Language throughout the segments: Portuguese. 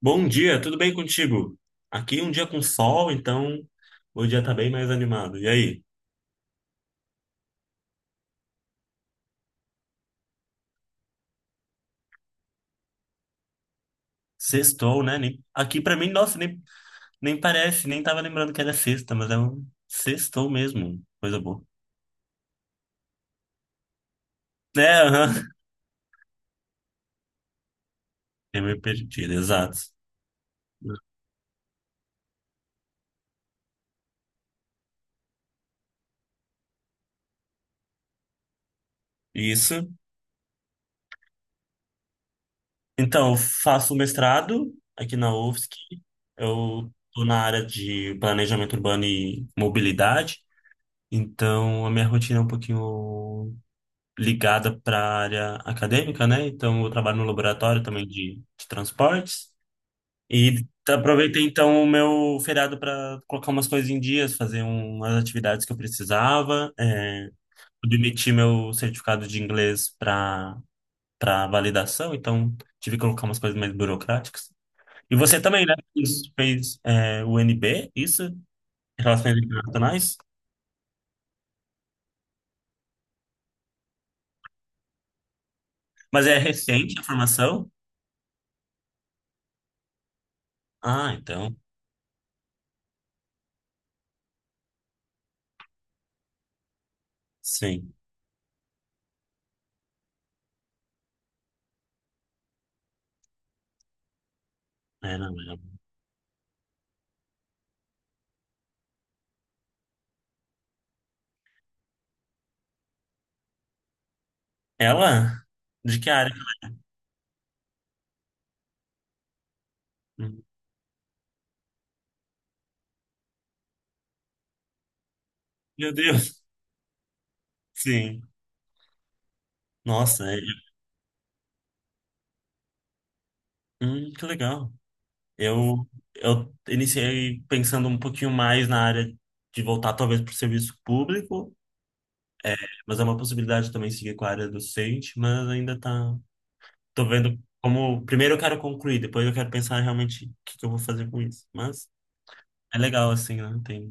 Bom dia, tudo bem contigo? Aqui um dia com sol, então o dia tá bem mais animado. E aí? Sextou, né? Aqui pra mim, nossa, nem parece, nem tava lembrando que era sexta, mas é um sextou mesmo. Coisa boa. É, aham. Eu me perdi, exato. Isso. Então, eu faço mestrado aqui na UFSC. Eu tô na área de planejamento urbano e mobilidade. Então, a minha rotina é um pouquinho ligada para a área acadêmica, né? Então, eu trabalho no laboratório também de transportes. Aproveitei, então, o meu feriado para colocar umas coisas em dias, fazer umas atividades que eu precisava. É, pude emitir meu certificado de inglês para validação, então tive que colocar umas coisas mais burocráticas. E você também, né? Fez, o NB, isso? Relações Internacionais? Mas é recente a formação? Ah, então, sim. É, não, é. Ela? De que área? Meu Deus. Sim. Nossa, que legal. Eu, eu iniciei pensando um pouquinho mais na área de voltar talvez para o serviço público, mas é uma possibilidade também seguir com a área docente, mas ainda tô vendo como, primeiro eu quero concluir, depois eu quero pensar realmente o que que eu vou fazer com isso. Mas é legal assim, né? Tem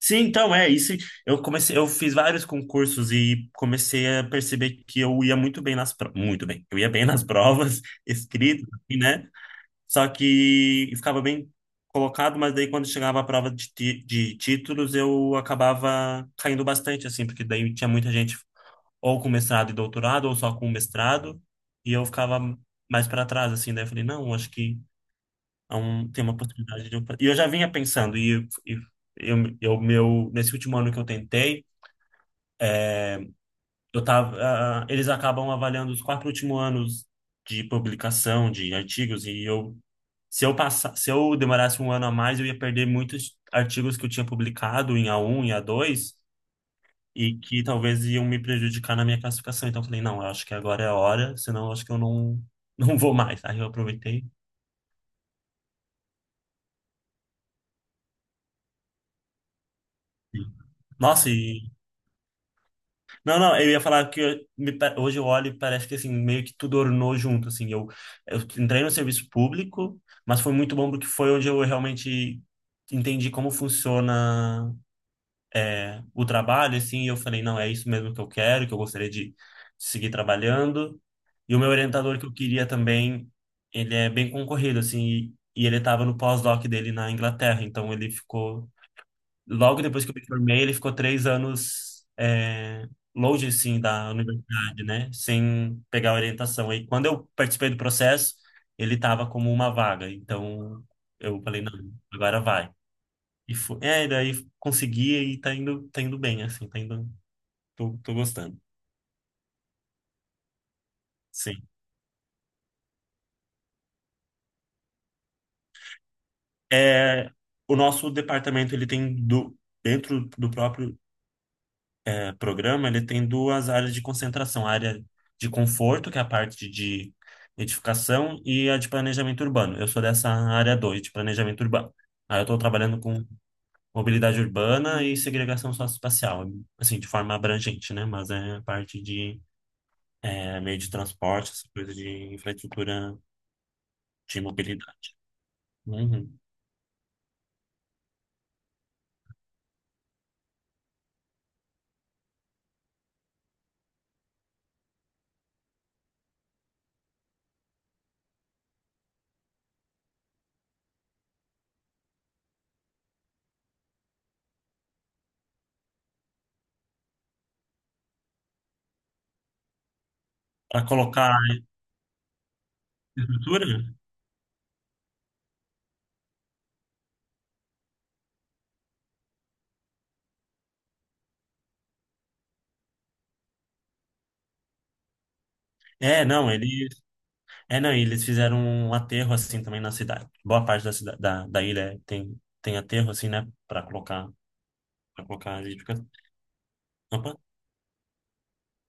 Sim, então é isso. Eu comecei, eu fiz vários concursos e comecei a perceber que eu ia muito bem nas provas, muito bem. Eu ia bem nas provas, escrito, assim, né? Só que eu ficava bem colocado, mas daí quando chegava a prova de, de títulos, eu acabava caindo bastante assim, porque daí tinha muita gente ou com mestrado e doutorado ou só com mestrado, e eu ficava mais para trás assim, daí eu falei, não, acho que é um, tem uma oportunidade de... E eu já vinha pensando, e eu, nesse último ano que eu tentei, eu tava, eles acabam avaliando os quatro últimos anos de publicação de artigos, e eu, se eu passar, se eu demorasse um ano a mais, eu ia perder muitos artigos que eu tinha publicado em A1 e A2 e que talvez iam me prejudicar na minha classificação. Então eu falei, não, eu acho que agora é a hora, senão eu acho que eu não, não vou mais. Aí eu aproveitei. Nossa, Não, não, eu ia falar que hoje eu olho e parece que assim, meio que tudo ornou junto, assim, eu entrei no serviço público, mas foi muito bom porque foi onde eu realmente entendi como funciona o trabalho, assim, e eu falei, não, é isso mesmo que eu quero, que eu gostaria de seguir trabalhando, e o meu orientador que eu queria também, ele é bem concorrido, assim, e ele estava no pós-doc dele na Inglaterra, então ele ficou logo depois que eu me formei, ele ficou 3 anos longe, assim, da universidade, né? Sem pegar orientação. Aí, quando eu participei do processo, ele estava como uma vaga. Então, eu falei, não, agora vai. E foi, daí consegui e tá indo bem, assim, tá indo, tô gostando. Sim. É, o nosso departamento, ele tem, dentro do próprio programa, ele tem duas áreas de concentração, a área de conforto, que é a parte de edificação, e a de planejamento urbano. Eu sou dessa área 2, de planejamento urbano. Aí eu estou trabalhando com mobilidade urbana e segregação socioespacial, assim, de forma abrangente, né? Mas é a parte de meio de transporte, essa coisa de infraestrutura de mobilidade. Uhum. Para colocar a infraestrutura? É, não, ele é, não, e eles fizeram um aterro assim também na cidade. Boa parte da cidade, da ilha tem aterro assim, né, para colocar para colocar a gente fica- Opa.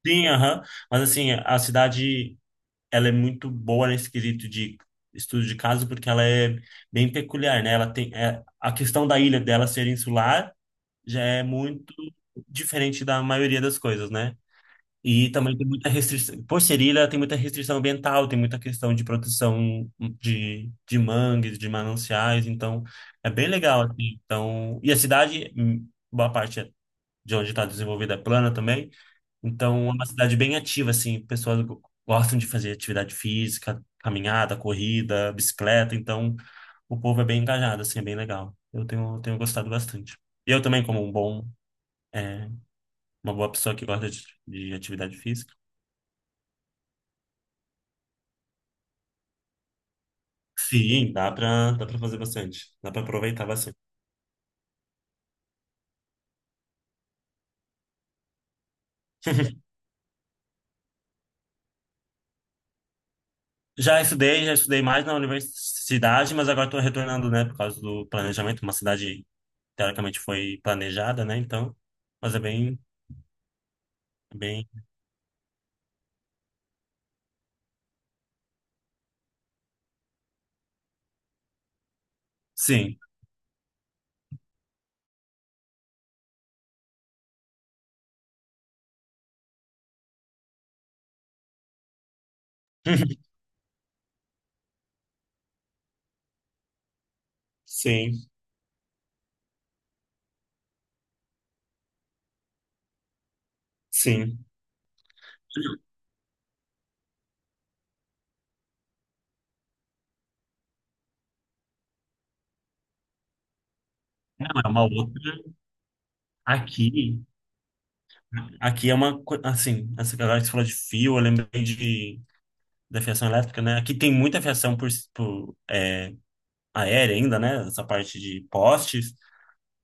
Sim, aham. Mas assim, a cidade ela é muito boa nesse quesito de estudo de caso porque ela é bem peculiar, né? Ela tem a questão da ilha dela ser insular já é muito diferente da maioria das coisas, né? E também tem muita restrição. Por ser ilha, tem muita restrição ambiental, tem muita questão de proteção de mangues, de mananciais. Então, é bem legal, assim. Então, e a cidade, boa parte é de onde está desenvolvida é plana também. Então, é uma cidade bem ativa, assim. Pessoas gostam de fazer atividade física, caminhada, corrida, bicicleta. Então, o povo é bem engajado, assim, é bem legal. Eu tenho gostado bastante. E eu também, como um bom, é, uma boa pessoa que gosta de atividade física. Sim, dá pra fazer bastante. Dá pra aproveitar bastante. Já estudei mais na universidade, mas agora tô retornando, né, por causa do planejamento. Uma cidade, teoricamente, foi planejada, né, então. Mas é bem, bem. Sim, sim, sim. Não, é uma outra. Aqui, Aqui é uma. Assim, essa galera que você falou de fio, eu lembrei da fiação elétrica, né? Aqui tem muita fiação por aérea ainda, né? Essa parte de postes.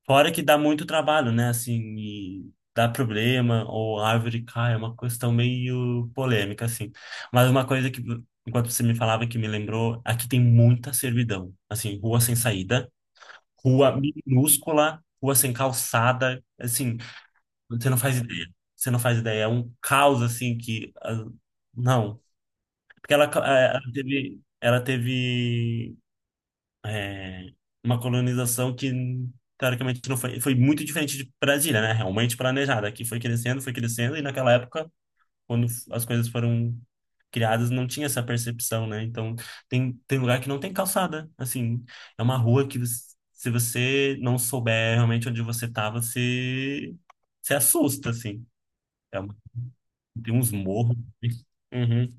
Fora que dá muito trabalho, né? Assim, e dá problema, ou a árvore cai, é uma questão meio polêmica, assim. Mas uma coisa que, enquanto você me falava, que me lembrou, aqui tem muita servidão. Assim, rua sem saída, rua minúscula, rua sem calçada, assim, você não faz ideia. Você não faz ideia. É um caos, assim, que. Não. Porque ela teve. Ela teve é, uma colonização que teoricamente não foi muito diferente de Brasília, né? Realmente planejada, que foi crescendo, e naquela época, quando as coisas foram criadas, não tinha essa percepção, né? Então, tem lugar que não tem calçada, assim, é uma rua que se você não souber realmente onde você tava, você se assusta, assim. É uma- Tem uns morros. Uhum.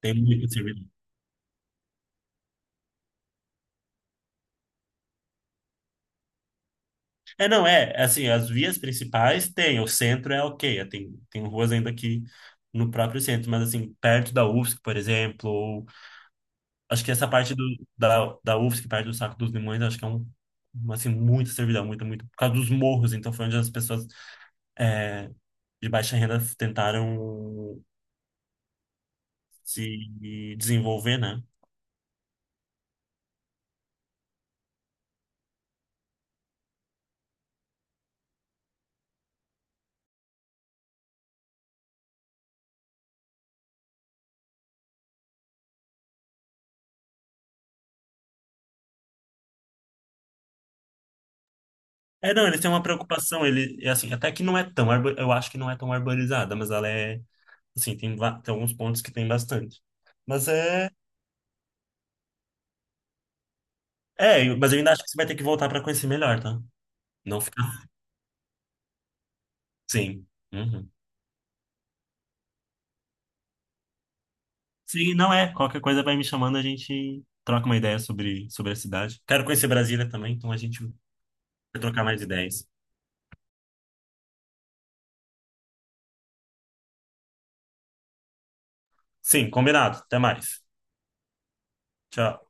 Tem muito serviço. É, não, é, assim, as vias principais tem, o centro é ok, tem ruas ainda aqui no próprio centro, mas assim, perto da UFSC, por exemplo, ou, acho que essa parte da UFSC, perto do Saco dos Limões, acho que é uma, assim, muita servidão, muito, muito, por causa dos morros, então foi onde as pessoas é, de baixa renda tentaram se desenvolver, né? É, não, eles têm uma preocupação, ele, é assim, até que não é tão, eu acho que não é tão arborizada, mas ela é, assim, tem, tem alguns pontos que tem bastante. Mas é, mas eu ainda acho que você vai ter que voltar para conhecer melhor, tá? Não ficar, sim. Uhum. Sim, não é, qualquer coisa vai me chamando, a gente troca uma ideia sobre a cidade. Quero conhecer Brasília também, então a gente vai trocar mais ideias. Sim, combinado, até mais. Tchau.